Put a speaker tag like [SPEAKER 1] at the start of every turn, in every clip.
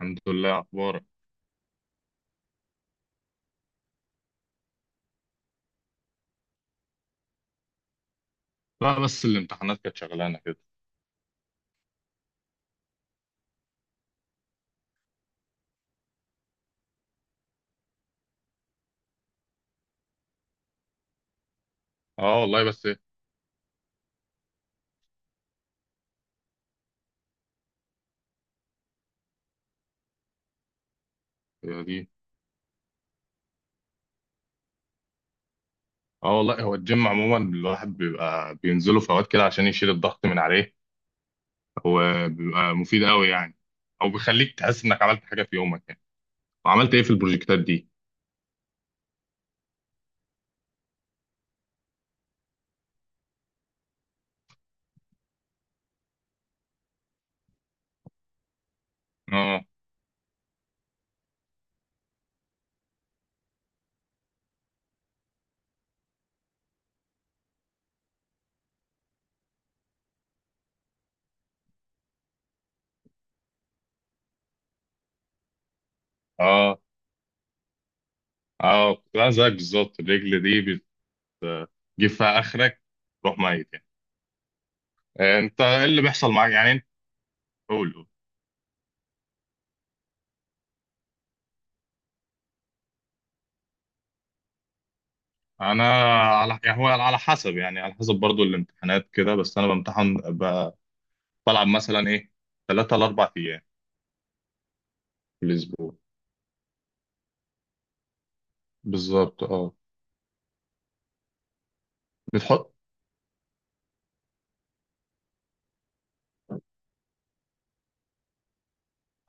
[SPEAKER 1] الحمد لله، اخبارك. لا بس الامتحانات كانت شغلانه كده. اه والله، بس ايه. هي دي. اه والله، هو الجيم عموما الواحد بيبقى بينزله في اوقات كده عشان يشيل الضغط من عليه. هو بيبقى مفيد قوي يعني، او بيخليك تحس انك عملت حاجه في يومك يعني. وعملت ايه في البروجكتات دي؟ اه اه اه كنت انا زيك بالظبط. الرجل دي بتجيب فيها اخرك، تروح ميت يعني. انت ايه اللي بيحصل معاك يعني؟ انت قول. انا على، يعني هو على حسب، يعني على حسب برضو الامتحانات كده. بس انا بامتحن بلعب مثلا ايه ثلاثة لأربع أيام في الأسبوع. بالظبط اه. بتحط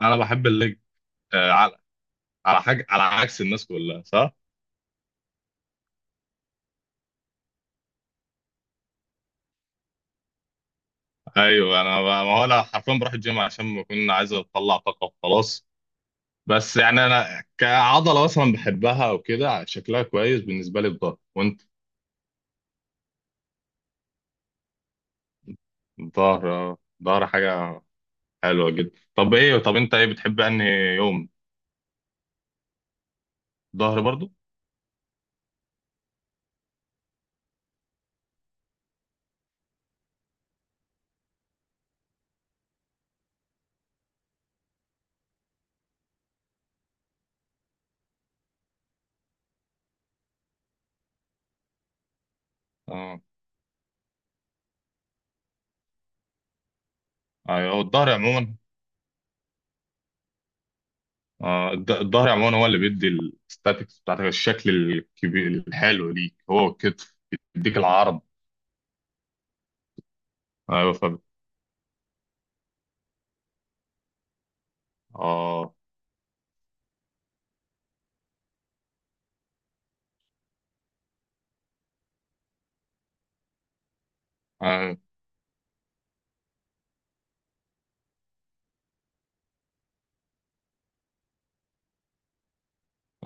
[SPEAKER 1] أنا بحب الليج، آه على على حاجة، على عكس الناس كلها صح؟ أيوه أنا ما هو أنا حرفيا بروح الجيم عشان بكون عايز أطلع طاقة وخلاص. بس يعني أنا كعضلة مثلا بحبها، وكده شكلها كويس بالنسبة لي الظهر. وأنت؟ الظهر آه، الظهر حاجة حلوة جدا. طب إيه، طب أنت إيه بتحب أنهي يوم؟ ظهر برضو؟ أه، أيوه الظهر عموما. آه، الظهر عموما هو اللي بيدي الستاتكس بتاعتك. الشكل الكبير الحلو ليك هو الكتف، بيديك العرض. ايوه فاهم. اه. ايوه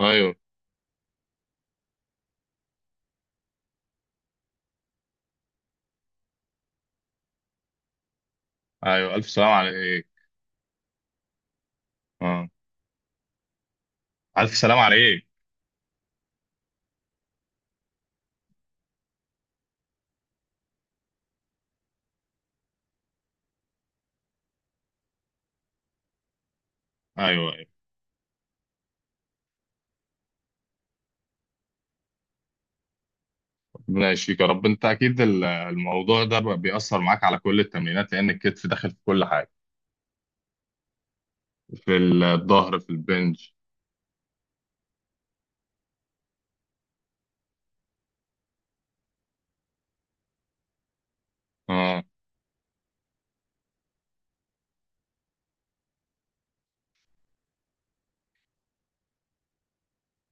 [SPEAKER 1] ايوه. ايوه الف سلام عليك. اه، الف سلام عليك. ايوه ايوه. ربنا يشفيك يا رب. انت اكيد الموضوع ده بقى بيأثر معاك على كل التمرينات، لان الكتف داخل في كل حاجه. في الظهر، في البنج. اه.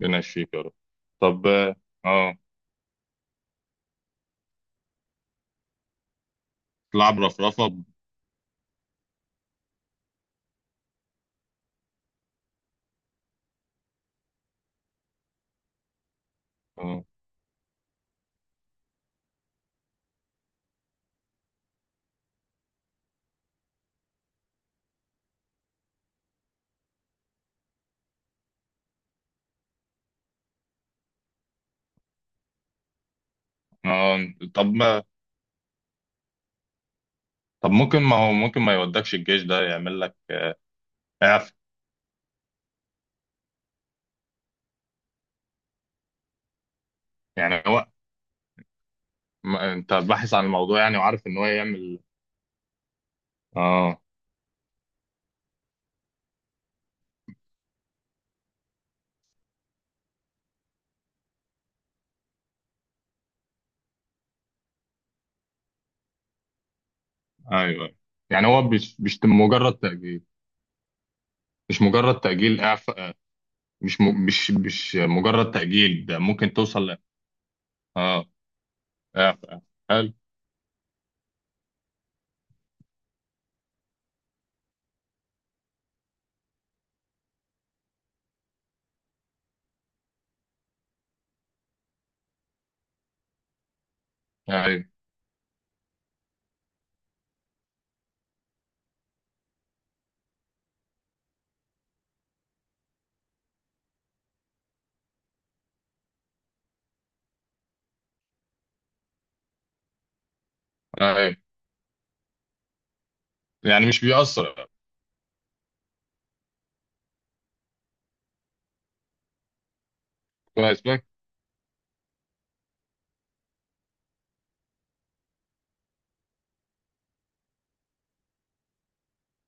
[SPEAKER 1] ربنا يشفيك يا رب. طب اه، آه، تلعب رفرفه اه آه، طب طب ممكن، ما هو ممكن ما يودكش الجيش ده، يعمل لك اعف. يعني هو، ما انت باحث عن الموضوع يعني، وعارف ان هو يعمل. اه. ايوه. يعني هو مش مجرد تأجيل. مش مجرد تأجيل، اعفاء. مش م... مش مش مجرد تأجيل، ده ممكن توصل ل... اه. اعفاء، حلو. ايوه ايوه، يعني مش بيأثر. كويس بك.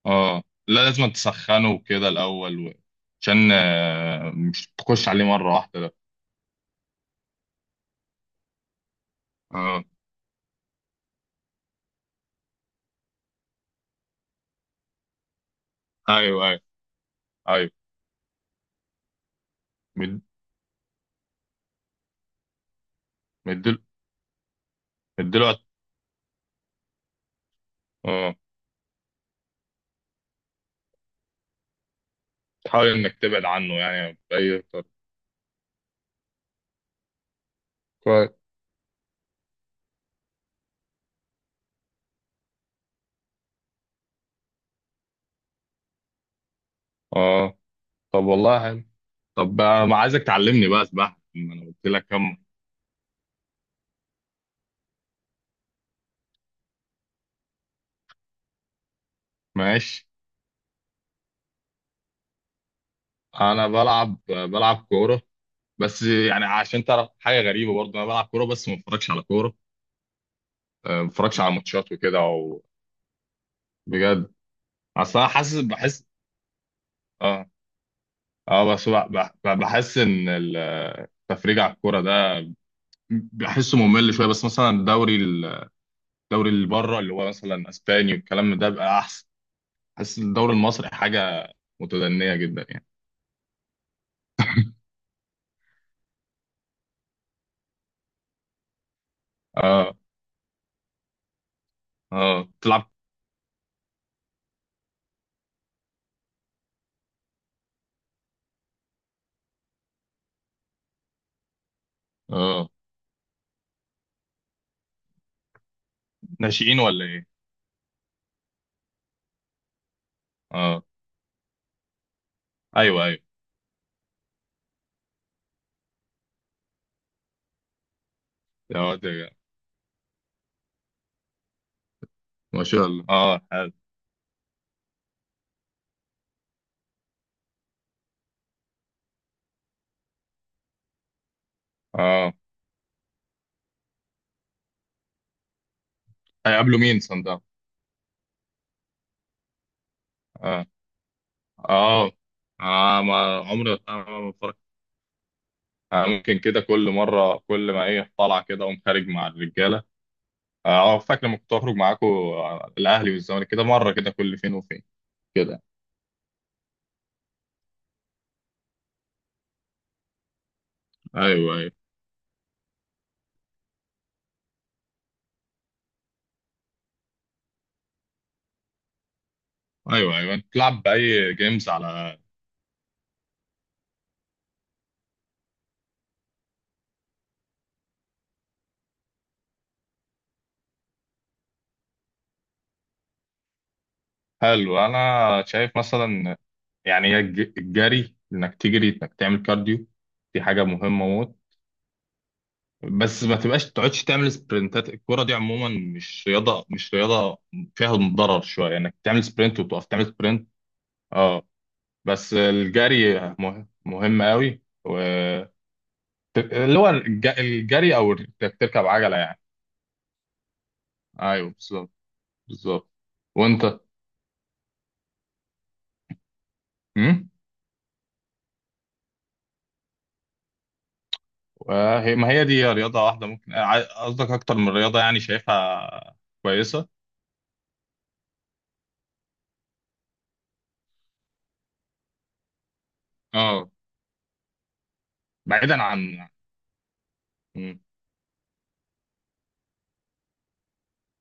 [SPEAKER 1] اه لا، لازم تسخنه كده الاول و... عشان آه، مش تخش عليه مرة واحدة ده. اه ايوه ايوه. ايوه. مد- مديله. اه، تحاول انك تبعد عنه يعني باي طريقه. كويس. اه. طب والله حلو. طب بقى ما عايزك تعلمني بقى سباحه، ما انا قلت لك كم. ماشي. انا بلعب كوره بس. يعني عشان تعرف حاجه غريبه برضه، انا بلعب كوره بس ما بتفرجش على كوره. آه، ما بتفرجش على ماتشات وكده او. بجد؟ اصل انا حاسس، بحس، اه، اه بس بحس ان التفريج على الكوره ده بحسه ممل شويه. بس مثلا الدوري اللي بره، اللي هو مثلا اسباني والكلام ده، بقى احسن. حاسس ان الدوري المصري حاجه متدنيه جدا يعني. اه. اه تلعب. اه ناشئين ولا ايه؟ اه. ايوه ايوه. يا واد جدع. ما شاء الله، اه حلو. اه. هيقابلوا مين صن داونز؟ اه. اه آه، ما عمري، آه، ما بتفرج. آه، ممكن كده كل مره كل ما ايه طالع كده، اقوم خارج مع الرجاله. اه آه، فاكر لما كنت اخرج معاكم الاهلي والزمالك كده، مره كده كل فين وفين. كده. ايوه ايوه. ايوه ايوه. انت بتلعب باي جيمز على. حلو. انا شايف مثلا يعني الجري، انك تجري، انك تعمل كارديو، دي حاجه مهمه موت. بس ما تبقاش تقعدش تعمل سبرنتات. الكوره دي عموما مش رياضه، مش رياضه، فيها ضرر شويه انك تعمل سبرنت وتقف تعمل سبرنت. اه. بس الجري مهم قوي. و اللي هو الجري او انك تركب عجله يعني. ايوه بالظبط. بالظبط. وانت. وهي، ما هي دي رياضة واحدة، ممكن قصدك أكتر من رياضة يعني، شايفها كويسة. اه. بعيدا عن. مم.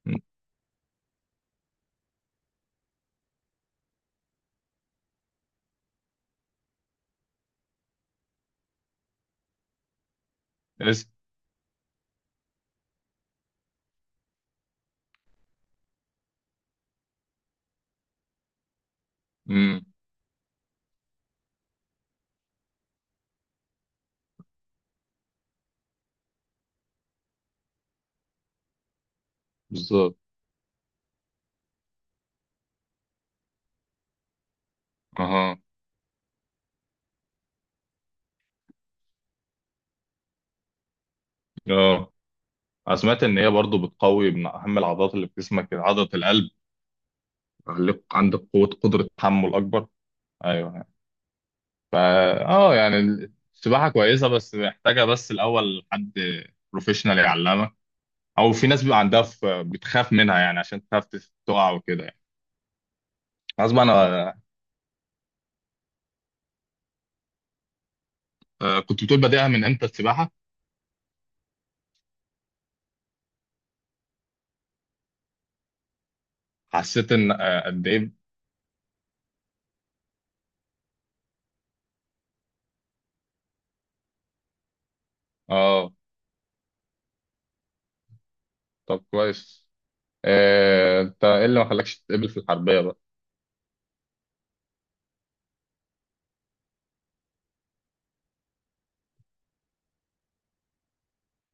[SPEAKER 1] مم. اس مم. بالظبط. اها. اه أنا سمعت إن هي برضو بتقوي من أهم العضلات اللي في جسمك، عضلة القلب، يخليك عندك قوة، قدرة تحمل أكبر. أيوه. فا. اه يعني السباحة كويسة بس محتاجة، بس الأول حد بروفيشنال يعلمك، أو في ناس بيبقى عندها بتخاف منها يعني، عشان تخاف تقع وكده يعني. غصب عنها. آه كنت بتقول بادئها من امتى السباحه، حسيت ان آه قد ايه. اه. طب كويس. آه انت ايه اللي ما خلاكش تتقبل في الحربيه بقى؟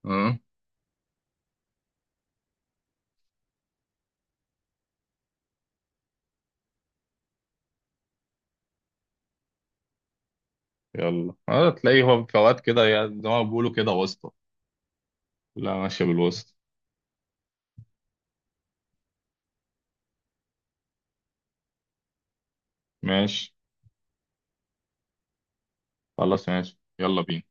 [SPEAKER 1] اه. يلا، اه تلاقيه هو فوات كده زي ما بيقولوا كده، واسطه. لا ماشيه بالوسط. ماشي. خلاص ماشي، يلا بينا.